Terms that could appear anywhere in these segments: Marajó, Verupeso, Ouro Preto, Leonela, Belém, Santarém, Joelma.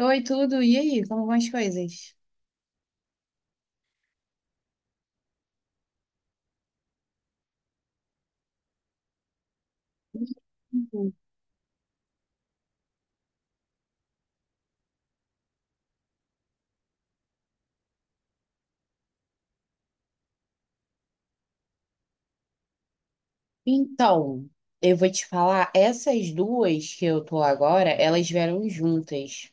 Oi, tudo. E aí, como vão as coisas? Uhum. Então, eu vou te falar, essas duas que eu tô agora, elas vieram juntas.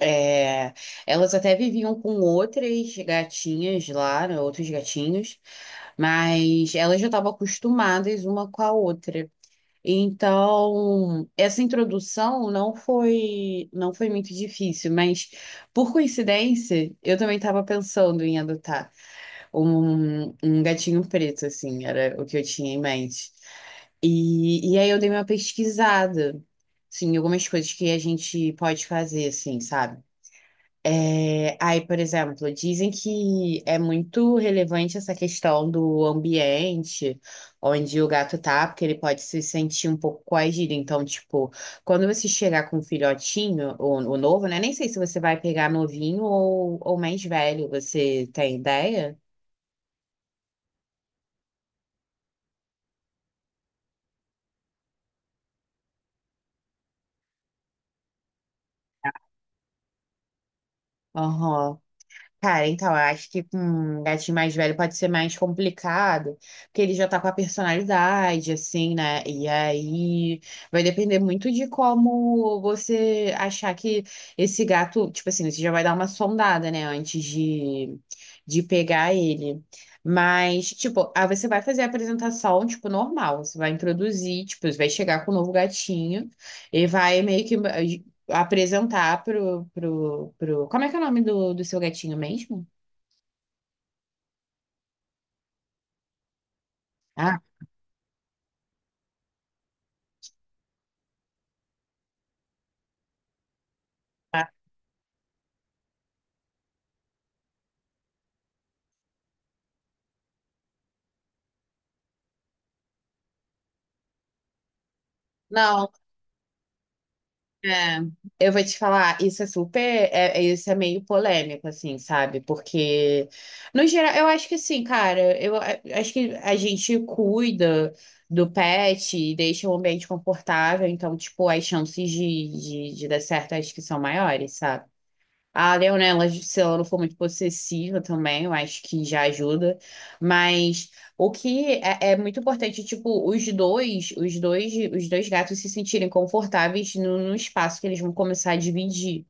É, elas até viviam com outras gatinhas lá, né, outros gatinhos, mas elas já estavam acostumadas uma com a outra. Então, essa introdução não foi muito difícil, mas por coincidência, eu também estava pensando em adotar. Um gatinho preto, assim, era o que eu tinha em mente. E aí eu dei uma pesquisada, assim, algumas coisas que a gente pode fazer, assim, sabe? É, aí, por exemplo, dizem que é muito relevante essa questão do ambiente onde o gato tá, porque ele pode se sentir um pouco coagido. Então, tipo, quando você chegar com um filhotinho, o novo, né? Nem sei se você vai pegar novinho ou mais velho, você tem ideia? Aham. Cara, então, eu acho que com um gatinho mais velho pode ser mais complicado, porque ele já tá com a personalidade, assim, né? E aí vai depender muito de como você achar que esse gato, tipo assim, você já vai dar uma sondada, né, antes de pegar ele. Mas, tipo, aí você vai fazer a apresentação, tipo, normal. Você vai introduzir, tipo, você vai chegar com o novo gatinho e vai meio que apresentar pro... Como é que é o nome do seu gatinho mesmo? Ah, tá. Não, é, eu vou te falar, isso é super, é, isso é meio polêmico, assim, sabe? Porque, no geral, eu acho que assim, cara, acho que a gente cuida do pet e deixa o ambiente confortável, então, tipo, as chances de dar certo acho que são maiores, sabe? A Leonela, se ela não for muito possessiva também, eu acho que já ajuda. Mas o que é, é muito importante, tipo, os dois gatos se sentirem confortáveis no espaço que eles vão começar a dividir,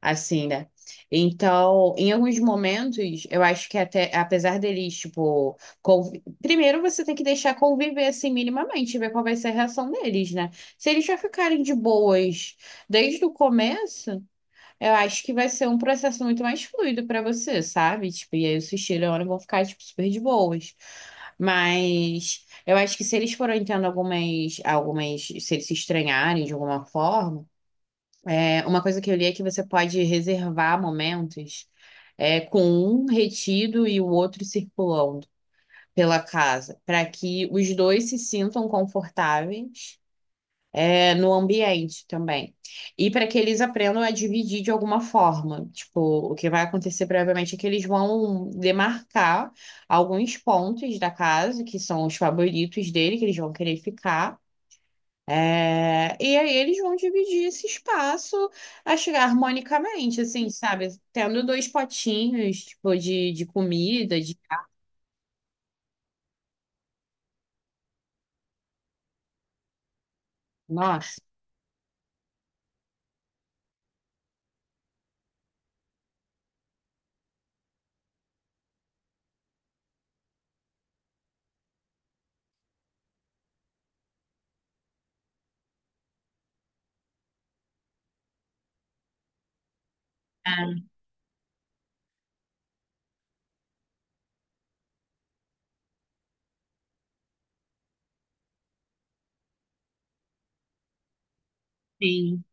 assim, né? Então, em alguns momentos, eu acho que até, apesar deles, tipo, primeiro você tem que deixar conviver assim minimamente, ver qual vai ser a reação deles, né? Se eles já ficarem de boas desde o começo. Eu acho que vai ser um processo muito mais fluido pra você, sabe? Tipo, e aí os filhos agora vão ficar, tipo, super de boas. Mas eu acho que se eles forem tendo se eles se estranharem de alguma forma, é, uma coisa que eu li é que você pode reservar momentos, é, com um retido e o outro circulando pela casa, para que os dois se sintam confortáveis é, no ambiente também. E para que eles aprendam a dividir de alguma forma. Tipo, o que vai acontecer provavelmente é que eles vão demarcar alguns pontos da casa, que são os favoritos dele, que eles vão querer ficar. É, e aí eles vão dividir esse espaço, acho que harmonicamente, assim, sabe? Tendo dois potinhos, tipo, de comida, de... Nossa. Ah, sim.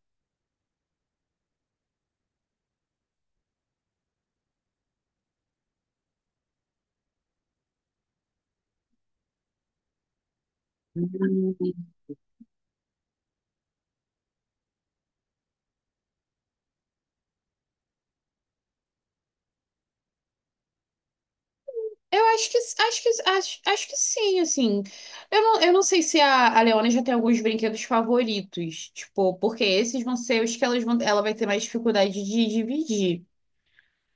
Eu acho acho que sim, assim. Eu não sei se a Leona já tem alguns brinquedos favoritos, tipo, porque esses vão ser os que elas vão, ela vai ter mais dificuldade de dividir.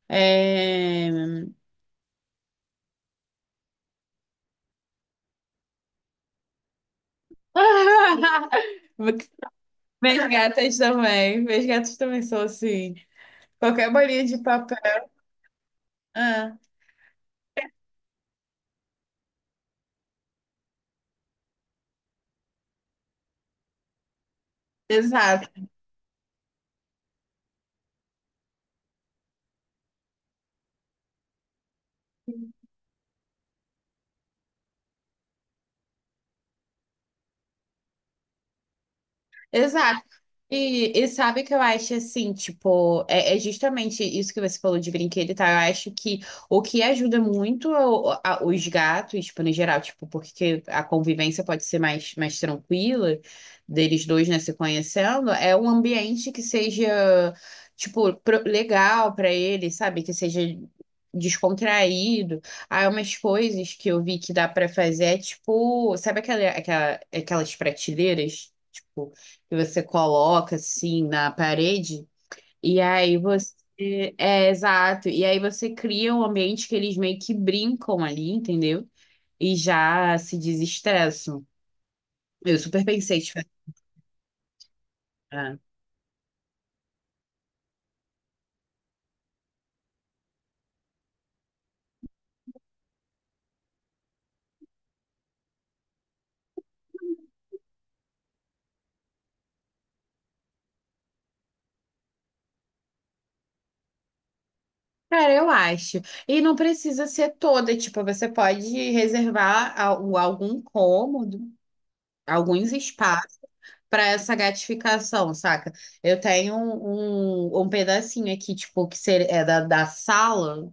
É... Meus gatas também, meus gatos também são assim. Qualquer bolinha de papel. Ah, exato, exato. E sabe o que eu acho assim, tipo, é, é justamente isso que você falou de brinquedo e tal. Eu acho que o que ajuda muito os gatos, tipo, no geral, tipo, porque a convivência pode ser mais tranquila deles dois, né, se conhecendo, é um ambiente que seja, tipo, legal pra eles, sabe? Que seja descontraído. Há umas coisas que eu vi que dá pra fazer, é, tipo, sabe aquelas prateleiras? Tipo, que você coloca assim na parede, e aí você. É, exato. E aí você cria um ambiente que eles meio que brincam ali, entendeu? E já se desestressam. Eu super pensei, tipo, ah, cara, eu acho. E não precisa ser toda, tipo, você pode reservar algum cômodo, alguns espaços para essa gratificação, saca? Eu tenho um pedacinho aqui, tipo, que ser, é da sala.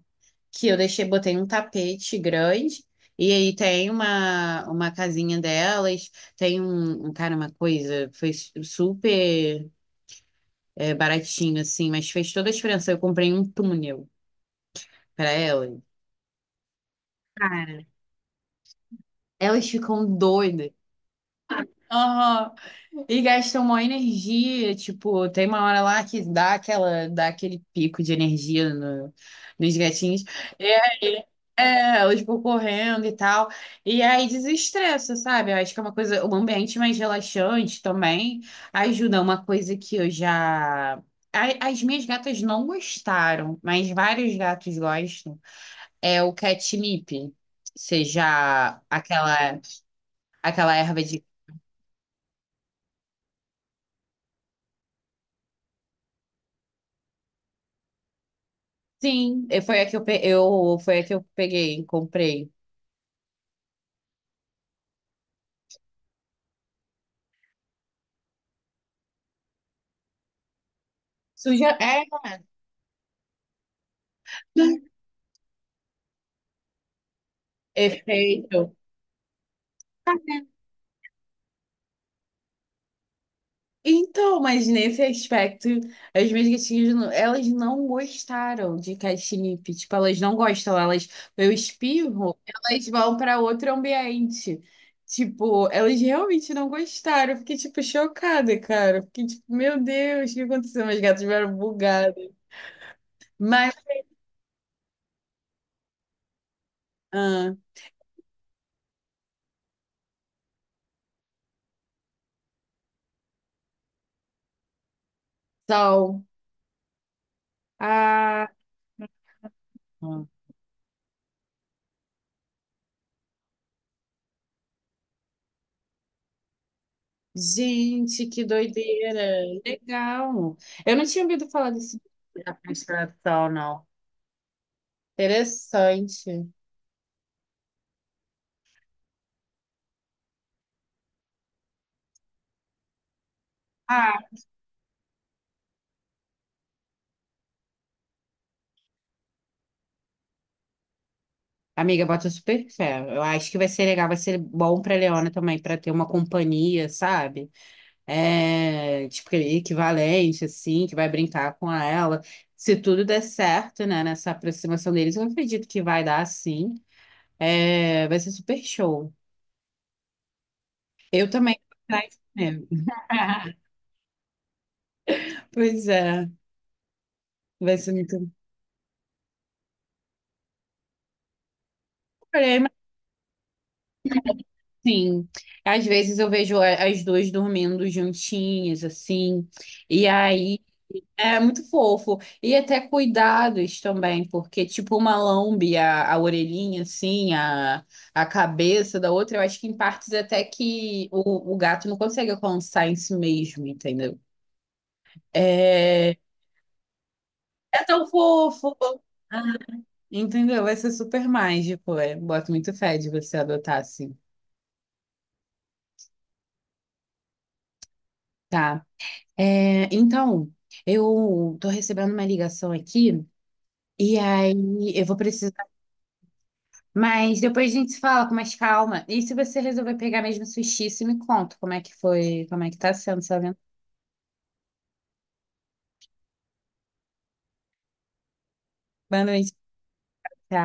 Que eu deixei, botei um tapete grande, e aí tem uma casinha delas, tem cara, uma coisa, foi super é, baratinho, assim, mas fez toda a diferença. Eu comprei um túnel para elas. Cara, elas ficam doidas. E gastam uma energia, tipo, tem uma hora lá que dá aquela, dá aquele pico de energia nos gatinhos. E aí, é, elas vão correndo e tal. E aí desestressa, sabe? Eu acho que é uma coisa, um ambiente mais relaxante também ajuda. Uma coisa que eu já. As minhas gatas não gostaram, mas vários gatos gostam. É o catnip. Seja aquela aquela erva de Sim, e foi a que foi a que eu peguei, comprei. Suja, é, efeito. Então, mas nesse aspecto, as minhas gatinhas, elas não gostaram de catnip. Tipo, elas não gostam, elas, eu espirro, elas vão para outro ambiente. Tipo, elas realmente não gostaram. Eu fiquei, tipo, chocada, cara. Eu fiquei, tipo, meu Deus, o que aconteceu? Meus gatos vieram bugados. Mas, ah, sal. Ah. Gente, que doideira! Legal! Eu não tinha ouvido falar desse da constelação, não. Interessante. Ah, amiga, bota super fé. Eu acho que vai ser legal, vai ser bom para Leona também, para ter uma companhia, sabe? É, tipo, equivalente, assim, que vai brincar com ela. Se tudo der certo, né, nessa aproximação deles, eu acredito que vai dar, sim. É, vai ser super show. Eu também vou atrás mesmo. Pois é, vai ser muito problema, sim. Às vezes eu vejo as duas dormindo juntinhas, assim, e aí é muito fofo. E até cuidados também, porque tipo uma lambe a orelhinha, assim, a cabeça da outra, eu acho que em partes até que o gato não consegue alcançar em si mesmo, entendeu? É, é tão fofo. Ah, entendeu? Vai ser super mágico, é. Boto muito fé de você adotar, assim. Tá. É, então, eu tô recebendo uma ligação aqui e aí eu vou precisar. Mas depois a gente se fala com mais calma. E se você resolver pegar mesmo Sushi, você me conta como é que foi, como é que tá sendo, sabe? Boa noite.